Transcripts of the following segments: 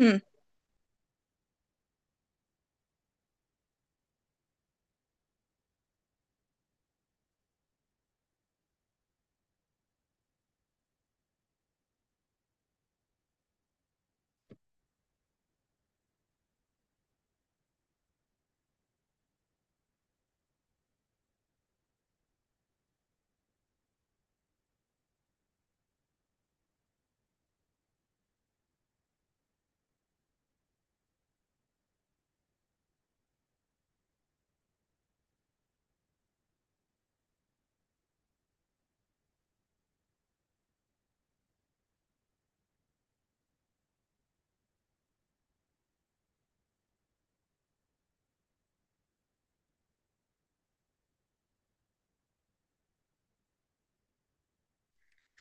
Hı.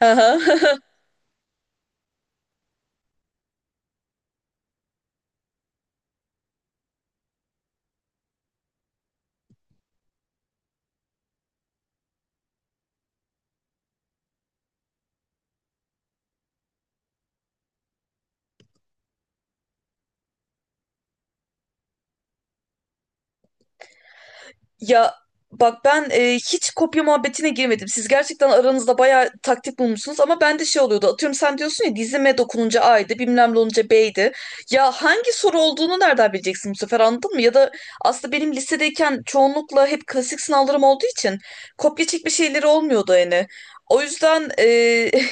Aha. Ya bak ben hiç kopya muhabbetine girmedim. Siz gerçekten aranızda bayağı taktik bulmuşsunuz ama bende şey oluyordu. Atıyorum sen diyorsun ya dizime dokununca A'ydı, bilmem ne olunca B'ydi. Ya hangi soru olduğunu nereden bileceksin bu sefer anladın mı? Ya da aslında benim lisedeyken çoğunlukla hep klasik sınavlarım olduğu için kopya çekme şeyleri olmuyordu yani. O yüzden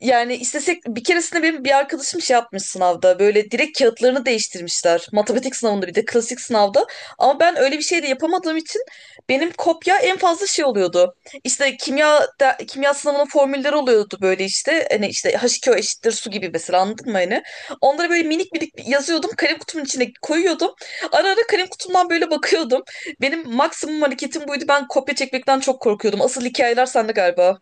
yani istesek bir keresinde benim bir arkadaşım şey yapmış sınavda böyle direkt kağıtlarını değiştirmişler. Matematik sınavında bir de klasik sınavda. Ama ben öyle bir şey de yapamadığım için benim kopya en fazla şey oluyordu. İşte kimya sınavının formülleri oluyordu böyle işte. Hani işte H2O eşittir su gibi mesela anladın mı hani? Onları böyle minik minik yazıyordum. Kalem kutumun içine koyuyordum. Ara ara kalem kutumdan böyle bakıyordum. Benim maksimum hareketim buydu. Ben kopya çekmekten çok korkuyordum. Asıl hikayeler sende galiba.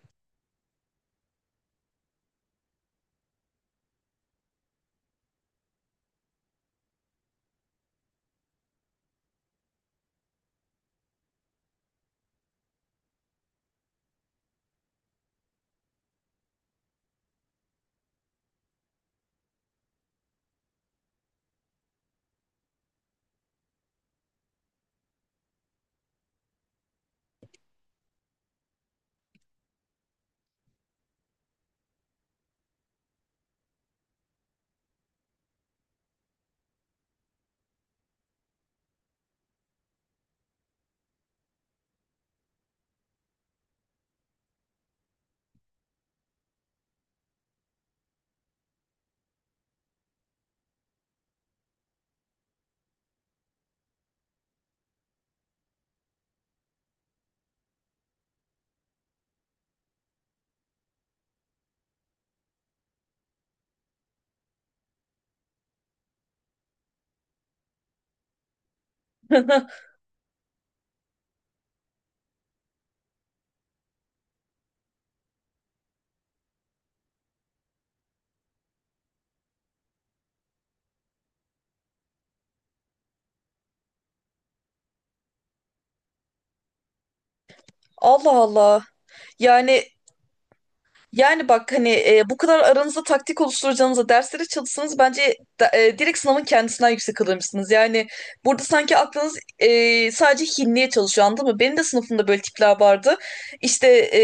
Allah Allah. Yani yani bak hani bu kadar aranızda taktik oluşturacağınıza derslere çalışsanız bence direkt sınavın kendisinden yüksek alırmışsınız. Yani burada sanki aklınız sadece hinliğe çalışıyor anladın mı? Benim de sınıfımda böyle tipler vardı. İşte e,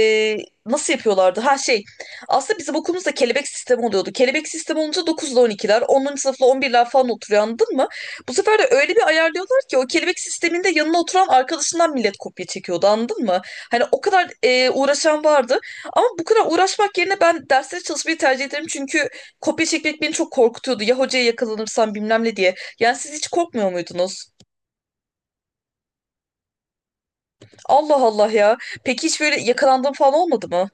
nasıl yapıyorlardı? Ha şey, aslında bizim okulumuzda kelebek sistemi oluyordu. Kelebek sistemi olunca 9 ile 12'ler 10. sınıfla 11'ler falan oturuyor anladın mı? Bu sefer de öyle bir ayarlıyorlar ki o kelebek sisteminde yanına oturan arkadaşından millet kopya çekiyordu anladın mı? Hani o kadar uğraşan vardı. Ama bu kadar uğraşmak yerine ben derslere çalışmayı tercih ederim. Çünkü kopya çekmek beni çok korkutuyordu. Ya hocaya yakalanırsam bilmem ne diye. Yani siz hiç korkmuyor muydunuz? Allah Allah ya. Peki hiç böyle yakalandığım falan olmadı mı?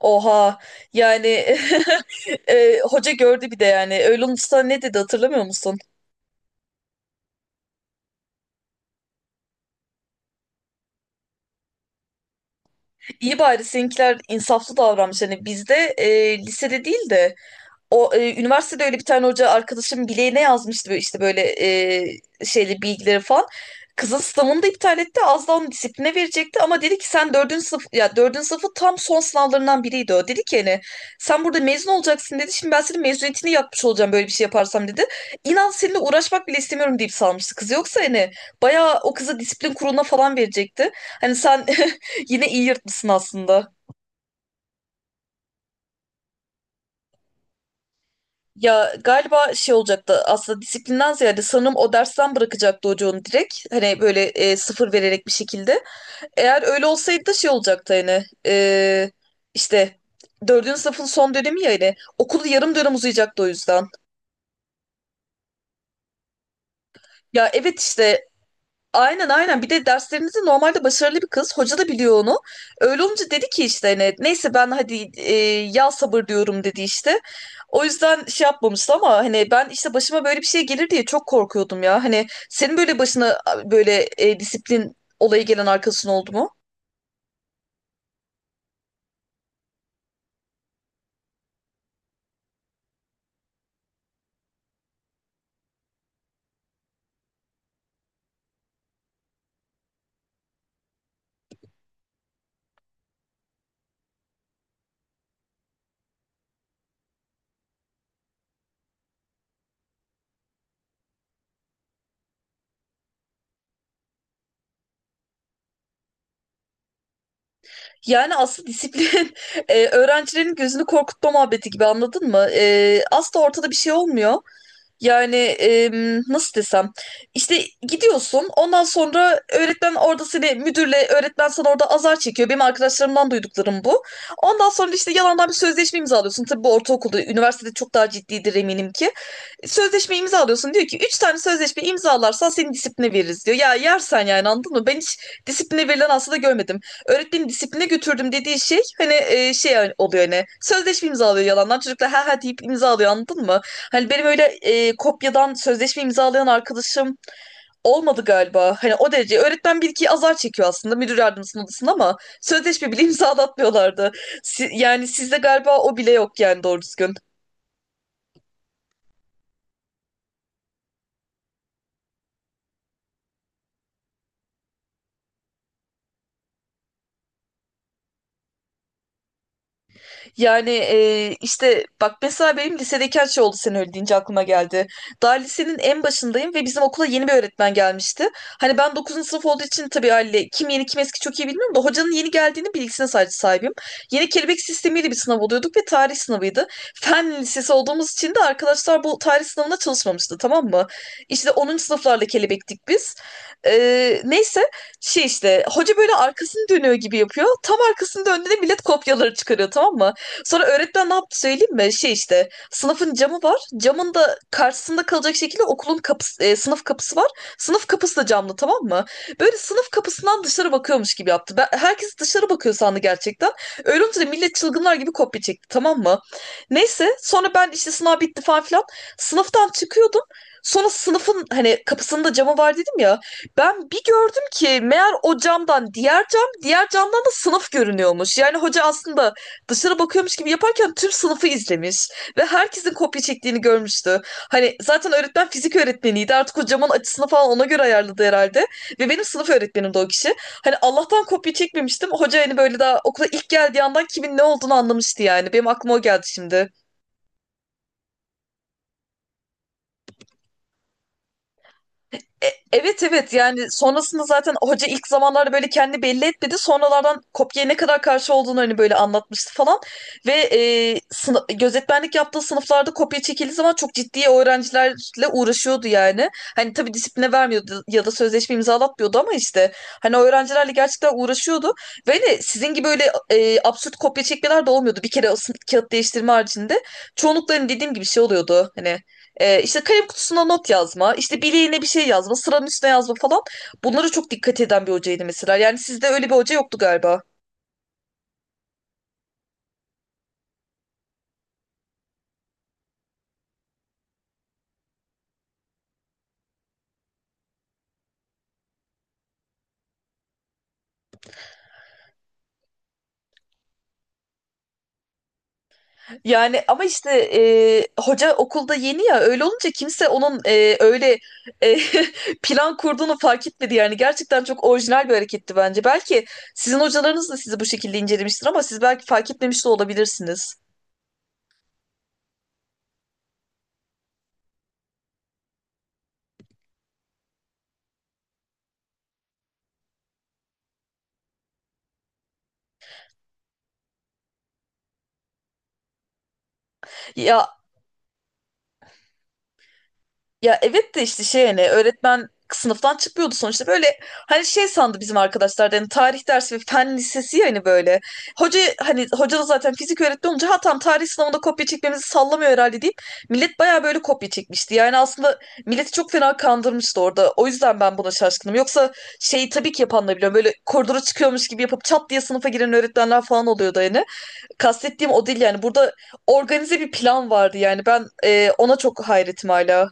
Oha. Yani hoca gördü bir de yani. Öyle olursa ne dedi hatırlamıyor musun? İyi bari seninkiler insaflı davranmış. Hani bizde lisede değil de o, üniversitede öyle bir tane hoca arkadaşım bileğine yazmıştı böyle işte böyle şeyli bilgileri falan. Kızın sınavını da iptal etti. Az daha onu disipline verecekti ama dedi ki sen dördüncü sınıf ya, dördüncü sınıfı tam son sınavlarından biriydi o. Dedi ki hani sen burada mezun olacaksın dedi. Şimdi ben senin mezuniyetini yapmış olacağım böyle bir şey yaparsam dedi. İnan seninle uğraşmak bile istemiyorum deyip salmıştı kız. Yoksa hani bayağı o kızı disiplin kuruluna falan verecekti. Hani sen yine iyi yırtmışsın aslında. Ya galiba şey olacaktı aslında, disiplinden ziyade sanırım o dersten bırakacaktı hocanın direkt. Hani böyle sıfır vererek bir şekilde. Eğer öyle olsaydı da şey olacaktı hani, işte dördüncü sınıfın son dönemi ya, hani okulu yarım dönem uzayacaktı o yüzden. Ya evet işte. Aynen aynen. Bir de derslerinizi normalde başarılı bir kız. Hoca da biliyor onu. Öyle olunca dedi ki işte hani neyse, ben hadi yal sabır diyorum dedi işte. O yüzden şey yapmamıştı ama hani ben işte başıma böyle bir şey gelir diye çok korkuyordum ya. Hani senin böyle başına böyle disiplin olayı gelen arkadaşın oldu mu? Yani aslında disiplin öğrencilerin gözünü korkutma muhabbeti gibi anladın mı? E, asla ortada bir şey olmuyor. Yani nasıl desem, işte gidiyorsun ondan sonra öğretmen orada seni müdürle, öğretmen sana orada azar çekiyor. Benim arkadaşlarımdan duyduklarım bu. Ondan sonra işte yalandan bir sözleşme imzalıyorsun. Tabii bu ortaokulda, üniversitede çok daha ciddidir eminim ki. Sözleşme imzalıyorsun, diyor ki 3 tane sözleşme imzalarsan seni disipline veririz diyor. Ya yersen, yani anladın mı? Ben hiç disipline verilen aslında görmedim, öğretmenin disipline götürdüm dediği şey hani şey oluyor, hani sözleşme imzalıyor yalandan çocuklar, ha ha deyip imzalıyor anladın mı? Hani benim öyle kopyadan sözleşme imzalayan arkadaşım olmadı galiba. Hani o derece, öğretmen bir iki azar çekiyor aslında müdür yardımcısının odasında, ama sözleşme bile imzalatmıyorlardı. Yani sizde galiba o bile yok yani doğru düzgün. Yani işte bak mesela benim lisedeki her şey oldu sen öyle deyince aklıma geldi. Daha lisenin en başındayım ve bizim okula yeni bir öğretmen gelmişti. Hani ben 9. sınıf olduğu için tabii haliyle kim yeni kim eski çok iyi bilmiyorum da, hocanın yeni geldiğini bilgisine sadece sahibim. Yeni kelebek sistemiyle bir sınav oluyorduk ve tarih sınavıydı. Fen lisesi olduğumuz için de arkadaşlar bu tarih sınavına çalışmamıştı tamam mı? İşte 10. sınıflarla kelebektik biz. E, neyse, şey işte hoca böyle arkasını dönüyor gibi yapıyor. Tam arkasını döndüğünde millet kopyaları çıkarıyor tamam mı? Sonra öğretmen ne yaptı söyleyeyim mi? Şey işte sınıfın camı var. Camın da karşısında kalacak şekilde okulun kapısı, sınıf kapısı var. Sınıf kapısı da camlı tamam mı? Böyle sınıf kapısından dışarı bakıyormuş gibi yaptı. Herkes dışarı bakıyor sandı gerçekten. Öyle olunca da millet çılgınlar gibi kopya çekti tamam mı? Neyse sonra ben işte sınav bitti falan filan. Sınıftan çıkıyordum. Sonra sınıfın hani kapısında camı var dedim ya. Ben bir gördüm ki meğer o camdan diğer camdan da sınıf görünüyormuş. Yani hoca aslında dışarı bakıyormuş gibi yaparken tüm sınıfı izlemiş ve herkesin kopya çektiğini görmüştü. Hani zaten öğretmen fizik öğretmeniydi. Artık o camın açısını falan ona göre ayarladı herhalde. Ve benim sınıf öğretmenim de o kişi. Hani Allah'tan kopya çekmemiştim. Hoca hani böyle daha okula ilk geldiği andan kimin ne olduğunu anlamıştı yani. Benim aklıma o geldi şimdi. Evet evet, yani sonrasında zaten hoca ilk zamanlarda böyle kendi belli etmedi. Sonralardan kopya ne kadar karşı olduğunu hani böyle anlatmıştı falan. Ve gözetmenlik yaptığı sınıflarda kopya çekildiği zaman çok ciddi öğrencilerle uğraşıyordu yani. Hani tabii disipline vermiyordu ya da sözleşme imzalatmıyordu ama işte, hani o öğrencilerle gerçekten uğraşıyordu. Ve hani sizin gibi öyle absürt kopya çekmeler de olmuyordu. Bir kere o kağıt değiştirme haricinde çoğunlukla hani dediğim gibi şey oluyordu. Hani işte kalem kutusuna not yazma, işte bileğine bir şey yazma, sıranın üstüne yazma falan. Bunlara çok dikkat eden bir hocaydı mesela. Yani sizde öyle bir hoca yoktu galiba. Yani ama işte hoca okulda yeni ya, öyle olunca kimse onun öyle e, plan kurduğunu fark etmedi. Yani gerçekten çok orijinal bir hareketti bence. Belki sizin hocalarınız da sizi bu şekilde incelemiştir ama siz belki fark etmemiş de olabilirsiniz. Ya Ya evet de işte, şey hani öğretmen sınıftan çıkmıyordu sonuçta böyle, hani şey sandı bizim arkadaşlar da hani tarih dersi ve fen lisesi, yani böyle hoca hani hoca da zaten fizik öğretmen olunca ha tam tarih sınavında kopya çekmemizi sallamıyor herhalde deyip millet baya böyle kopya çekmişti yani. Aslında milleti çok fena kandırmıştı orada, o yüzden ben buna şaşkınım. Yoksa şeyi tabii ki yapan da biliyorum, böyle koridora çıkıyormuş gibi yapıp çat diye sınıfa giren öğretmenler falan oluyordu yani, kastettiğim o değil. Yani burada organize bir plan vardı yani, ben ona çok hayretim hala.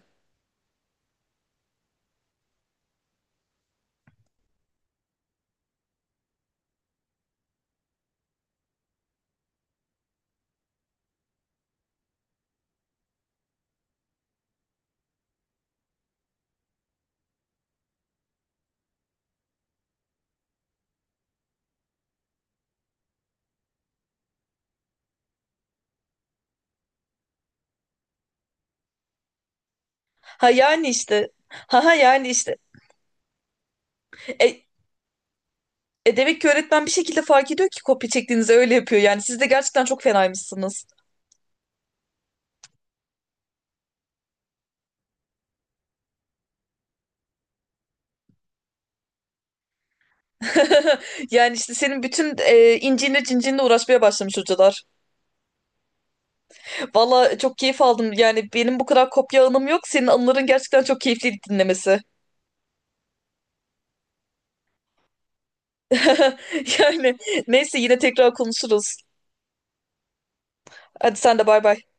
Ha yani işte. Ha ha yani işte. E, E demek ki öğretmen bir şekilde fark ediyor ki kopya çektiğinizi, öyle yapıyor yani. Siz de gerçekten çok fenaymışsınız. Yani işte senin bütün incinle cincinle uğraşmaya başlamış hocalar. Valla çok keyif aldım. Yani benim bu kadar kopya anım yok. Senin anıların gerçekten çok keyifli dinlemesi. Yani neyse, yine tekrar konuşuruz. Hadi sen de, bay bay.